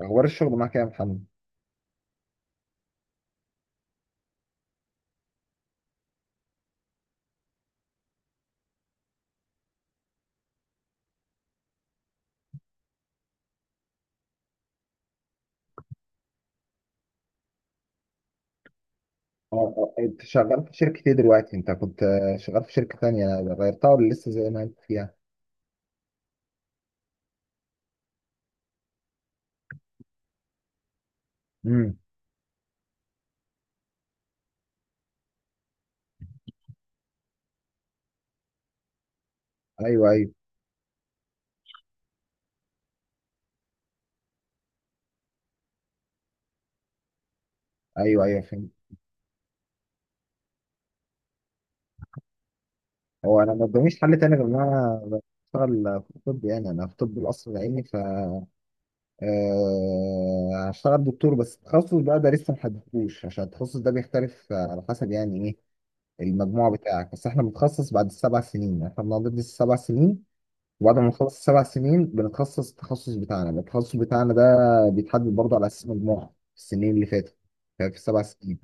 اخبار الشغل معاك إيه يا محمد؟ اه انت شغال في شركة ايه دلوقتي؟ انت كنت شغال في شركة تانية غيرتها ولا لسه زي ما انت فيها؟ امم ايوه ايوه ايوه ايوه فهمت. هو انا ما قداميش حل تاني غير ان انا بشتغل في الطب، يعني انا في طب القصر العيني. ف آه، هشتغل دكتور، بس التخصص بقى ده لسه ما حددتوش، عشان التخصص ده بيختلف على حسب يعني ايه المجموع بتاعك. بس احنا بنتخصص بعد 7 سنين، احنا بندرس 7 سنين، وبعد ما نخلص 7 سنين بنتخصص. التخصص بتاعنا، التخصص بتاعنا ده بيتحدد برضه على اساس مجموعة في السنين اللي فاتت، يعني في 7 سنين.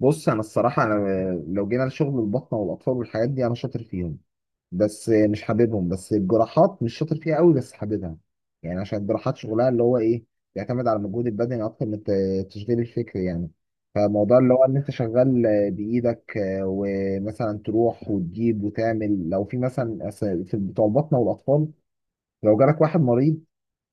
بص انا الصراحة انا لو جينا لشغل البطنة والاطفال والحاجات دي انا شاطر فيهم بس مش حاببهم. بس الجراحات مش شاطر فيها قوي بس حاببها، يعني عشان الجراحات شغلها اللي هو ايه، بيعتمد على المجهود البدني اكتر من التشغيل الفكري يعني. فموضوع اللي هو ان انت شغال بايدك، ومثلا تروح وتجيب وتعمل، لو في مثلا في بتوع البطنه والاطفال، لو جالك واحد مريض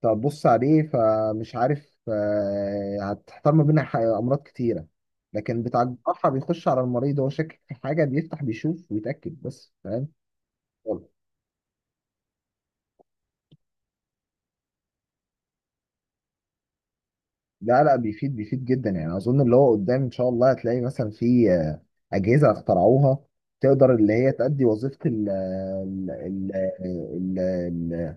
تبص عليه فمش عارف، هتحتار ما بين امراض كتيره. لكن بتاع الجراحه بيخش على المريض هو شاكك في حاجه، بيفتح بيشوف ويتاكد بس، فاهم؟ لا لا، بيفيد بيفيد جدا. يعني اظن اللي هو قدام ان شاء الله هتلاقي مثلا في اجهزه اخترعوها تقدر اللي هي تأدي وظيفه ال ال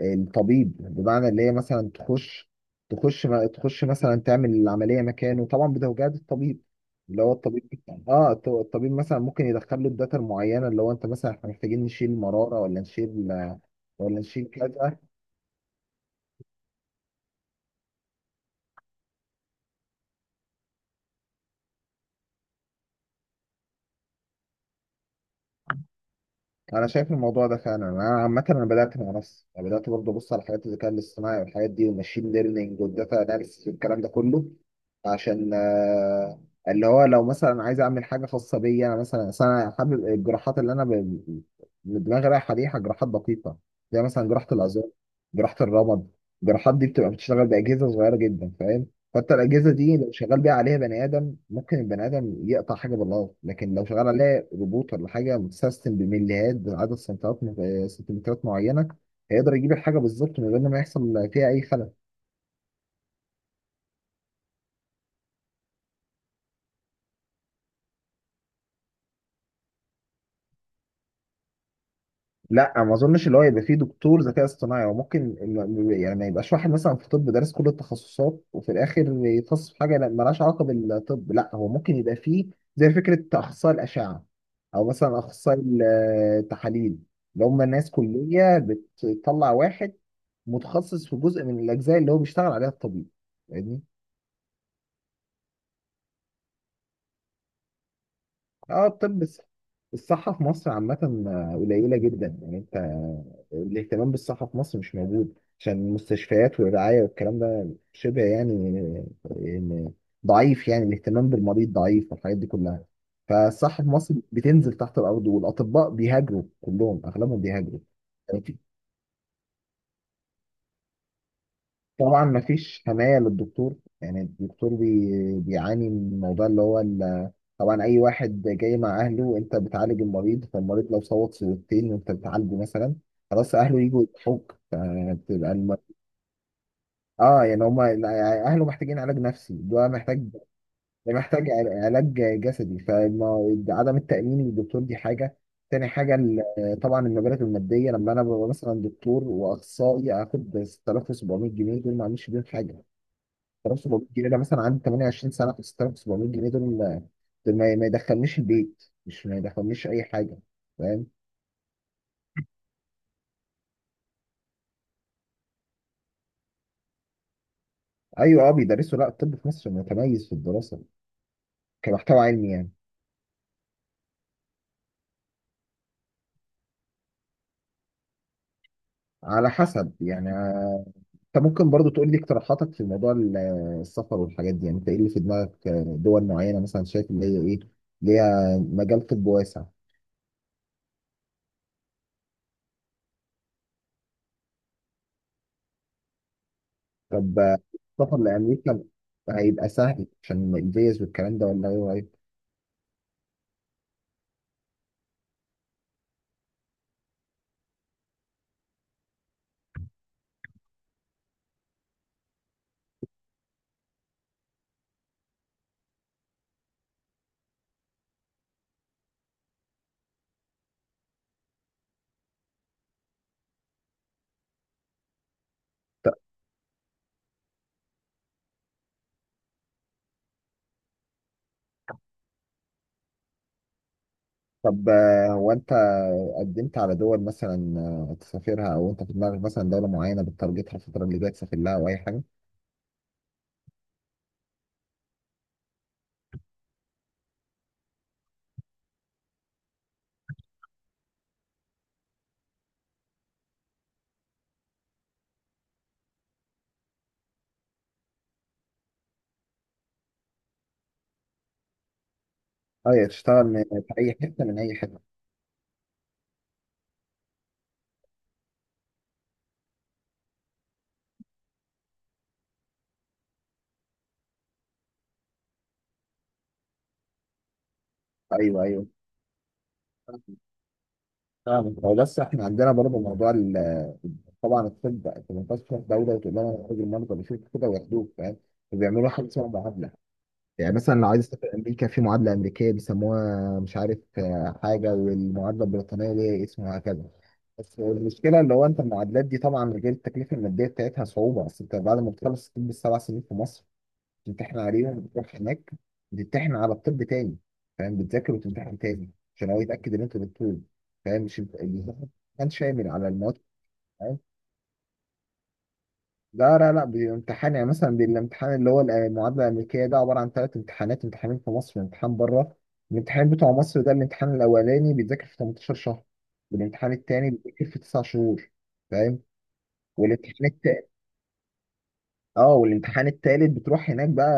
الطبيب، بمعنى اللي هي مثلا تخش، تخش ما تخش، مثلا تعمل العمليه مكانه، طبعا بتوجيهات الطبيب اللي هو الطبيب. اه الطبيب مثلا ممكن يدخل له الداتا المعينه، اللي هو انت مثلا احنا محتاجين نشيل مراره ولا نشيل، ولا نشيل كذا. انا شايف الموضوع ده فعلا. انا عامه انا بدات مع نفسي، انا بدات برضه ابص على حاجات الذكاء الاصطناعي والحاجات دي، والماشين ليرنينج والداتا اناليسيس والكلام ده كله، عشان اللي هو لو مثلا عايز اعمل حاجه خاصه بيا. انا مثلا أصل انا حابب الجراحات اللي انا اللي دماغي رايحه عليها، جراحات دقيقه، زي مثلا جراحه العظام، جراحه الرمد. الجراحات دي بتبقى بتشتغل باجهزه صغيره جدا، فاهم؟ حتى الاجهزه دي لو شغال بيها، عليها بني ادم ممكن البني ادم يقطع حاجه بالغلط، لكن لو شغال عليها روبوت ولا حاجه متسيستم بمليات بعدد سنتيمترات، سنتيمترات معينه، هيقدر يجيب الحاجه بالظبط من غير ما يحصل فيها اي خلل. لا ما اظنش اللي هو يبقى فيه دكتور ذكاء اصطناعي. هو ممكن يعني ما يبقاش واحد مثلا في طب دارس كل التخصصات وفي الاخر يتخصص في حاجه مالهاش علاقه بالطب. لا هو ممكن يبقى فيه زي فكره اخصائي الاشعه، او مثلا اخصائي التحاليل، اللي هم ناس كليه بتطلع واحد متخصص في جزء من الاجزاء اللي هو بيشتغل عليها الطبيب، فاهمني؟ اه الطب الصحة في مصر عامة قليلة جدا. يعني انت الاهتمام بالصحة في مصر مش موجود، عشان المستشفيات والرعاية والكلام ده شبه يعني آه، آه، ضعيف. يعني الاهتمام بالمريض ضعيف والحاجات دي كلها. فالصحة في مصر بتنزل تحت الأرض، والأطباء بيهاجروا كلهم، أغلبهم بيهاجروا. طبعا مفيش حماية للدكتور. يعني الدكتور بيعاني من الموضوع اللي هو طبعا أي واحد جاي مع أهله، وأنت بتعالج المريض، فالمريض لو صوت صوتين وأنت بتعالجه مثلا، خلاص أهله يجوا يضحوك، فبتبقى آه، يعني هما يعني أهله محتاجين علاج نفسي، ده محتاج، ده محتاج علاج جسدي. فعدم التأمين للدكتور دي حاجة. تاني حاجة طبعا المبالغ المادية. لما أنا ببقى مثلا دكتور وأخصائي آخد 6700 جنيه، دول ما أعملش بيهم حاجة. 3700 جنيه ده مثلا عندي 28 سنه، 6700 جنيه دول، دول ما يدخلنيش البيت، مش ما يدخلنيش اي حاجه، فاهم؟ ايوه اه بيدرسوا. لا الطب في مصر متميز في الدراسه كمحتوى علمي يعني. على حسب يعني، انت ممكن برضو تقول لي اقتراحاتك في موضوع السفر والحاجات دي. يعني انت ايه اللي في دماغك، دول معينه مثلا شايف اللي هي ايه ليها مجال طب واسع؟ طب، السفر لامريكا هيبقى سهل عشان الفيز والكلام ده، ولا ايه رأيك؟ طب هو انت قدمت على دول مثلا، تسافرها، او انت في دماغك مثلا دوله معينه بتترجتها الفتره اللي جايه تسافر لها او اي حاجه؟ ايوه تشتغل من في اي حته، من اي حته. ايوه ايوه فاهمك. هو بس احنا عندنا برضه موضوع طبعا الطب انت ما ينفعش تروح دوله وتقول لهم انا راجل مرضى بيشوفوا كده وياخدوك، فاهم؟ بيعملوا حاجه اسمها معادله. يعني مثلا لو عايز اسافر امريكا، في معادله امريكيه بيسموها مش عارف حاجه، والمعادله البريطانيه ليها اسم، وهكذا. بس المشكله اللي هو انت المعادلات دي، طبعا غير التكلفه الماديه بتاعتها، صعوبه. اصل انت بعد ما بتخلص الطب 7 سنين في مصر، بتمتحن عليهم، بتروح هناك بتمتحن على الطب تاني، فاهم؟ بتذاكر وتمتحن تاني عشان هو يتاكد ان انت دكتور. فاهم؟ مش الامتحان كان شامل على المواد؟ لا لا لا، بامتحان. يعني مثلا بالامتحان اللي هو المعادلة الأمريكية، ده عبارة عن 3 امتحانات، 2 امتحانات في مصر وامتحان بره. الامتحان بتاع مصر ده الامتحان الأولاني بيتذاكر في 18 شهر، والامتحان التاني بيتذاكر في 9 شهور، فاهم؟ والامتحان التالت، اه والامتحان التالت بتروح هناك بقى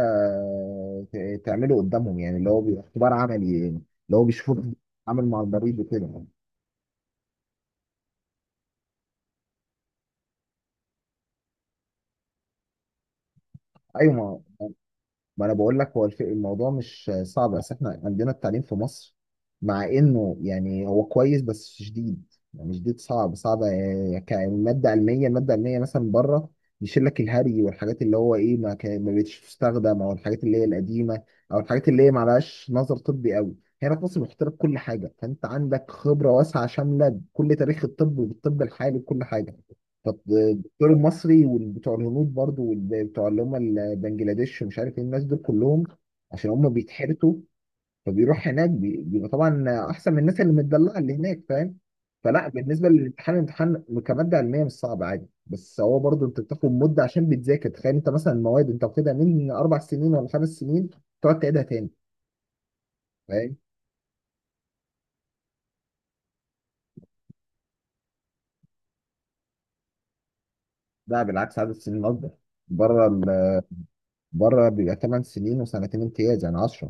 تعمله قدامهم، يعني اللي هو بيبقى اختبار عملي يعني، اللي هو بيشوفوك بتتعامل مع المريض وكده يعني. ايوه ما انا بقول لك، هو الموضوع مش صعب، بس احنا عندنا التعليم في مصر مع انه يعني هو كويس بس شديد، يعني شديد صعب صعب، يعني كمادة علمية، المادة العلمية مثلا بره بيشيل لك الهري والحاجات اللي هو ايه ما بقتش تستخدم، او الحاجات اللي هي القديمة، او الحاجات اللي هي ما لهاش نظر طبي قوي. هنا في مصر بيحط لك كل حاجة، فانت عندك خبرة واسعة شاملة بكل تاريخ الطب وبالطب الحالي وكل حاجة. الدور المصري وبتوع الهنود برضو وبتوع اللي هم البنجلاديش ومش عارف ايه الناس دول كلهم، عشان هم بيتحرسوا، فبيروح هناك بيبقى طبعا احسن من الناس اللي متدلعه اللي هناك، فاهم؟ فلا بالنسبه للامتحان، الامتحان كماده علميه مش صعب، عادي، بس هو برضو انت بتاخد مده عشان بتذاكر. تخيل انت مثلا المواد انت واخدها من 4 سنين ولا 5 سنين، تقعد تعيدها تاني. فاهم؟ لا بالعكس عدد السنين اكبر بره. بره بيبقى 8 سنين وسنتين امتياز، يعني 10.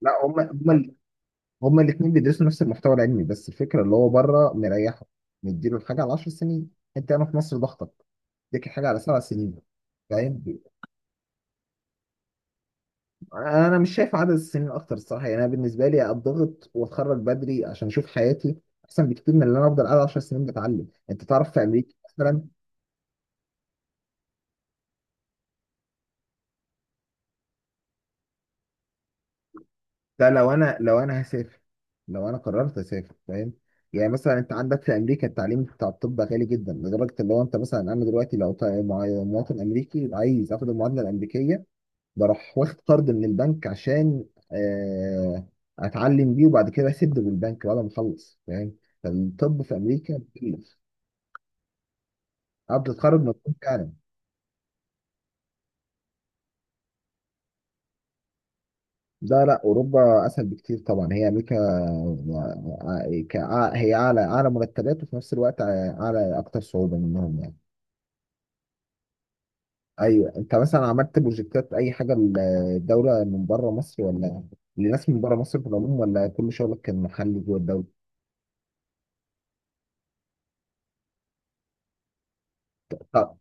لا هم هما الاثنين بيدرسوا نفس المحتوى العلمي، بس الفكره اللي هو بره مريحه، مديله الحاجه على 10 سنين. انت هنا في مصر ضغطك اديك الحاجه على 7 سنين، فاهم؟ انا مش شايف عدد السنين اكتر الصراحه. يعني انا بالنسبه لي اتضغط واتخرج بدري عشان اشوف حياتي، احسن بكتير من ان انا افضل قاعد 10 سنين بتعلم. انت تعرف في امريكا مثلا، لا لو انا هسافر، لو انا قررت اسافر فاهم، يعني مثلا انت عندك في امريكا التعليم بتاع الطب غالي جدا، لدرجه ان هو انت مثلا انا دلوقتي لو مواطن امريكي عايز اخد المعادله الامريكيه، بروح واخد قرض من البنك عشان آه، اتعلم بيه، وبعد كده اسد بالبنك بعد ما اخلص، فاهم؟ فالطب في امريكا بتكلف قبل تتخرج، مطلوب فعلا. لا لا، اوروبا اسهل بكتير طبعا. هي امريكا هي اعلى، اعلى مرتبات، وفي نفس الوقت اعلى اكتر صعوبه منهم يعني. ايوه انت مثلا عملت بروجكتات اي حاجه للدوله من بره مصر، ولا لناس من بره مصر في العموم، ولا كل شغلك كان محلي جوه الدوله؟ طب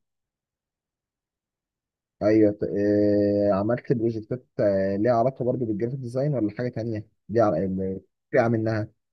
ايوه عملت بروجكتات ليها علاقه برضه بالجرافيك ديزاين، ولا حاجه تانيه ليها فرقه منها؟